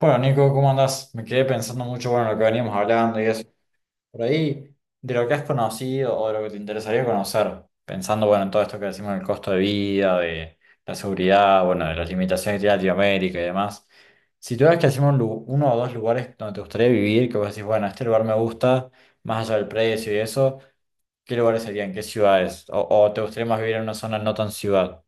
Bueno, Nico, ¿cómo andás? Me quedé pensando mucho, bueno, en lo que veníamos hablando y eso. Por ahí, de lo que has conocido o de lo que te interesaría conocer, pensando, bueno, en todo esto que decimos del costo de vida, de la seguridad, bueno, de las limitaciones que tiene Latinoamérica y demás. Si tuvieras que decirme uno o dos lugares donde te gustaría vivir, que vos decís, bueno, este lugar me gusta, más allá del precio y eso, ¿qué lugares serían? ¿Qué ciudades? ¿O te gustaría más vivir en una zona no tan ciudad?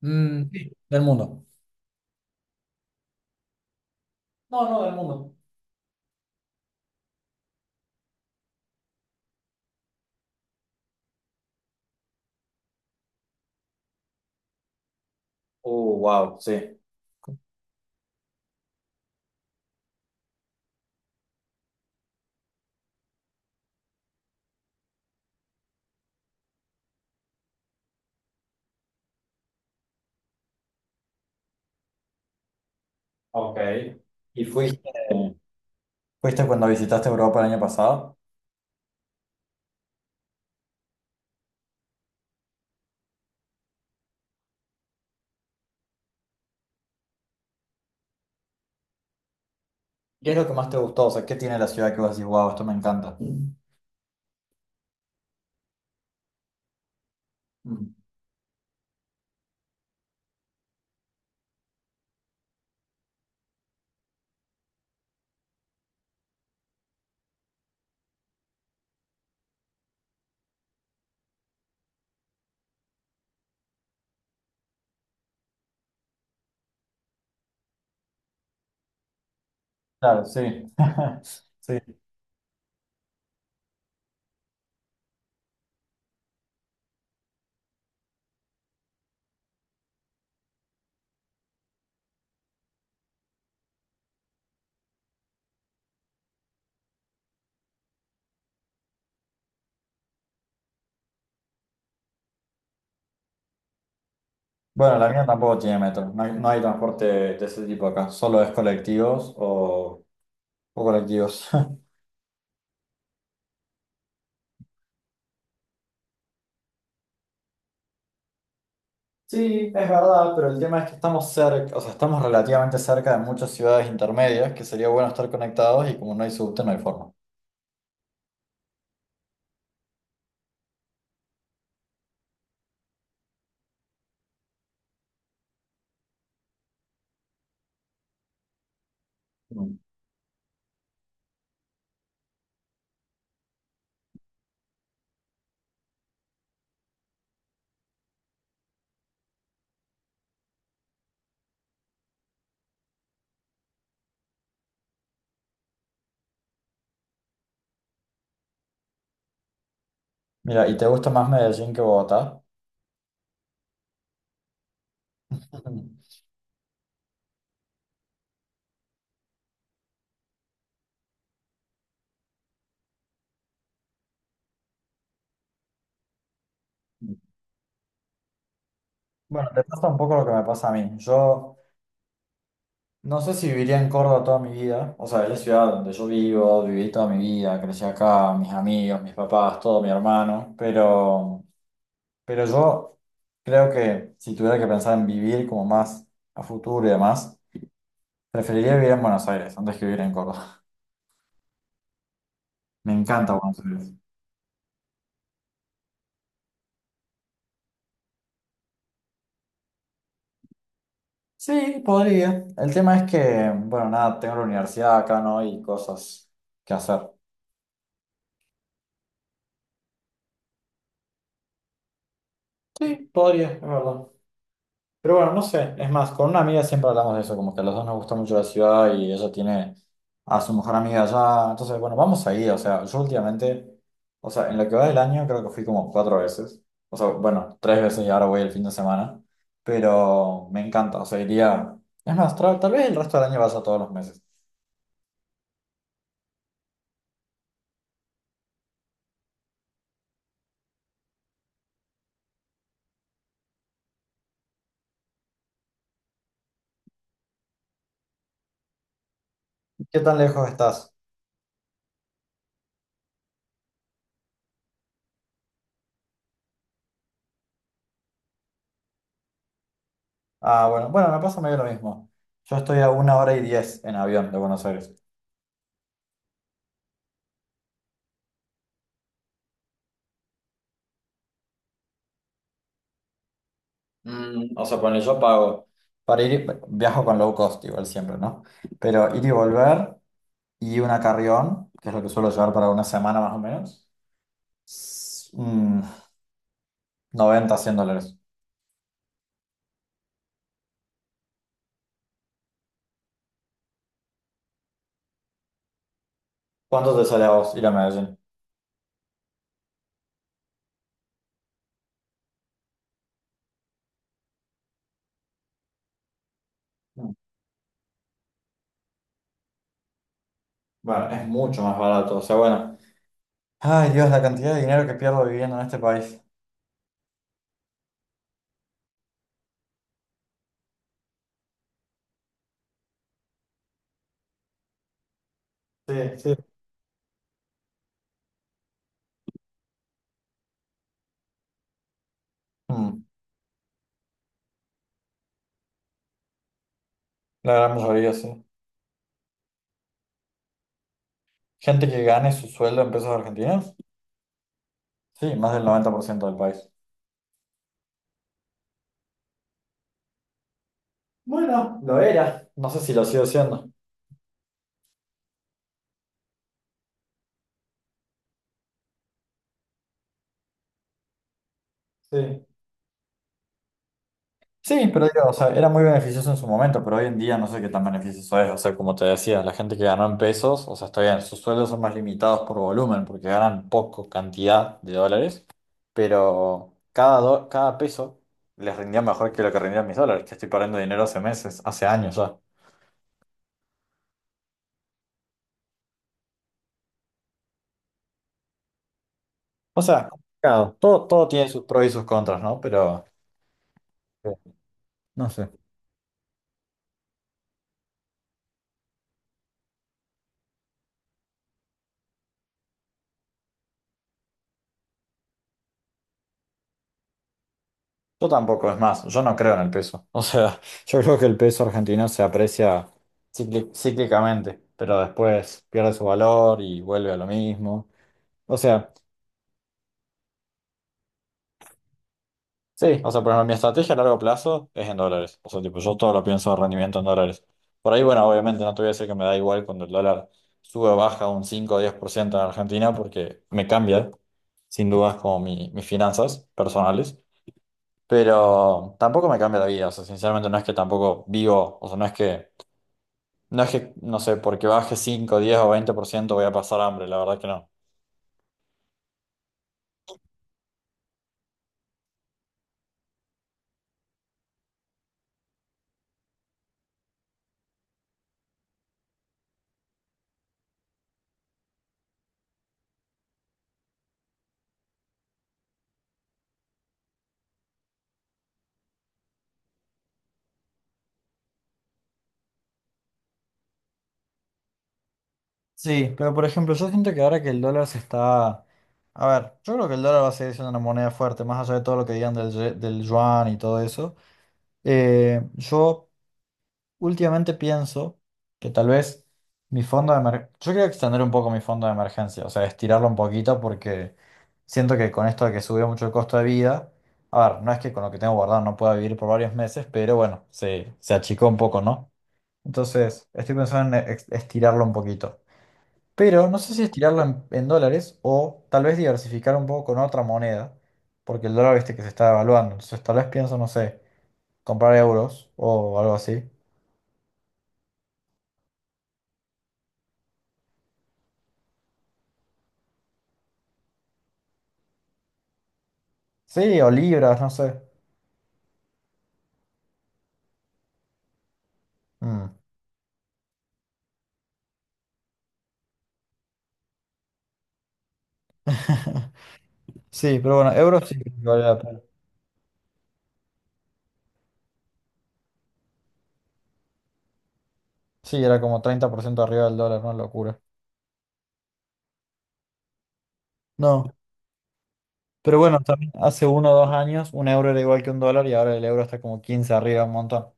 Mm, sí, del mundo. No, no, del mundo. Wow, sí. Ok. ¿Y fuiste cuando visitaste Europa el año pasado? ¿Qué es lo que más te gustó? O sea, ¿qué tiene la ciudad que vos decís, wow, esto me encanta? Mm. Claro, sí. Sí. Bueno, la mía tampoco tiene metro. No hay transporte de ese tipo acá. Solo es colectivos o colectivos. Sí, es verdad, pero el tema es que estamos cerca, o sea, estamos relativamente cerca de muchas ciudades intermedias que sería bueno estar conectados y como no hay subte, no hay forma. Mm. Mira, ¿y te gusta más Medellín que Bogotá? Bueno, te pasa un poco lo que me pasa a mí. Yo no sé si viviría en Córdoba toda mi vida. O sea, es la ciudad donde yo vivo, viví toda mi vida, crecí acá, mis amigos, mis papás, todo mi hermano. Pero yo creo que si tuviera que pensar en vivir como más a futuro y demás, preferiría vivir en Buenos Aires antes que vivir en Córdoba. Me encanta Buenos Aires. Sí, podría. El tema es que, bueno, nada, tengo la universidad acá, ¿no? Y cosas que hacer. Sí, podría, es verdad. Pero bueno, no sé, es más, con una amiga siempre hablamos de eso, como que a los dos nos gusta mucho la ciudad y ella tiene a su mejor amiga allá, entonces bueno, vamos ahí, o sea, yo últimamente, o sea, en lo que va del año creo que fui como cuatro veces, o sea, bueno, tres veces y ahora voy el fin de semana, pero me encanta, o sea, iría, es más, tal vez el resto del año vas a todos los meses. ¿Qué tan lejos estás? Ah, bueno, bueno, me pasa medio lo mismo, yo estoy a 1 hora y 10 en avión de Buenos Aires. O sea, ponle, yo pago para ir, bueno, viajo con low cost igual siempre, ¿no? Pero ir y volver y una carrión, que es lo que suelo llevar para una semana más o menos, s- mm, 90, $100. ¿Cuánto te sale a vos ir a Medellín? Mm, Bueno, es mucho más barato, o sea, bueno. Ay, Dios, la cantidad de dinero que pierdo viviendo en este país. Sí, sí. Mm, la gran mayoría, sí. Gente que gane su sueldo en pesos argentinos, sí, más del 90% del país. Bueno, lo era. No sé si lo sigo siendo. Sí. Sí, pero digo, o sea, era muy beneficioso en su momento, pero hoy en día no sé qué tan beneficioso es. O sea, como te decía, la gente que ganó en pesos, o sea, está bien, sus sueldos son más limitados por volumen, porque ganan poco cantidad de dólares, pero cada peso les rendía mejor que lo que rendían mis dólares, que estoy perdiendo dinero hace meses, hace años ya. O sea, complicado. Todo tiene sus pros y sus contras, ¿no? Pero eh, no sé. Yo tampoco, es más, yo no creo en el peso. O sea, yo creo que el peso argentino se aprecia cíclicamente, pero después pierde su valor y vuelve a lo mismo. O sea, sí, o sea, por ejemplo, mi estrategia a largo plazo es en dólares. O sea, tipo, yo todo lo pienso de rendimiento en dólares. Por ahí, bueno, obviamente no te voy a decir que me da igual cuando el dólar sube o baja un 5 o 10% en Argentina porque me cambia, sin dudas, como mis finanzas personales. Pero tampoco me cambia la vida, o sea, sinceramente no es que tampoco vivo, o sea, no es que, no sé, porque baje 5 10 o 20% voy a pasar hambre, la verdad que no. Sí, pero por ejemplo, yo siento que ahora que el dólar se está... A ver, yo creo que el dólar va a seguir siendo una moneda fuerte, más allá de todo lo que digan del, del yuan y todo eso. Yo últimamente pienso que tal vez mi fondo de emergencia... Yo quiero extender un poco mi fondo de emergencia, o sea, estirarlo un poquito porque siento que con esto de que subió mucho el costo de vida, a ver, no es que con lo que tengo guardado no pueda vivir por varios meses, pero bueno, se achicó un poco, ¿no? Entonces, estoy pensando en estirarlo un poquito. Pero no sé si estirarlo en dólares o tal vez diversificar un poco con otra moneda, porque el dólar viste que se está devaluando. Entonces, tal vez pienso, no sé, comprar euros o algo así. Sí, o libras, no sé. Mm. Sí, pero bueno, euros sí que vale la pena. Sí, era como 30% arriba del dólar, una locura. No, pero bueno, también hace 1 o 2 años un euro era igual que un dólar y ahora el euro está como 15 arriba, un montón.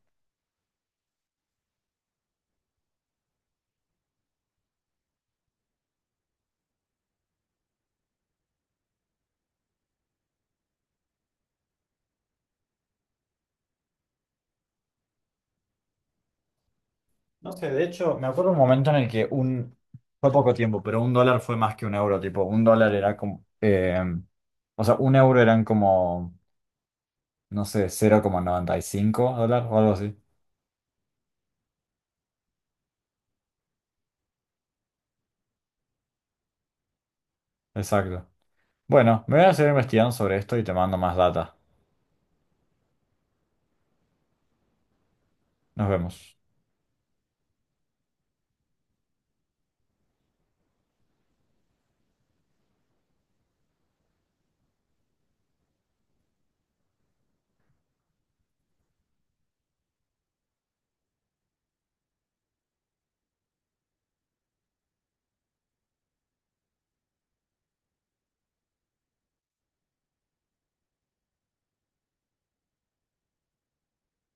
No sé, de hecho, me acuerdo un momento en el que fue poco tiempo, pero un dólar fue más que un euro, tipo, un dólar era como, o sea, un euro eran como, no sé, 0,95 dólares o algo así. Exacto. Bueno, me voy a seguir investigando sobre esto y te mando más data. Nos vemos.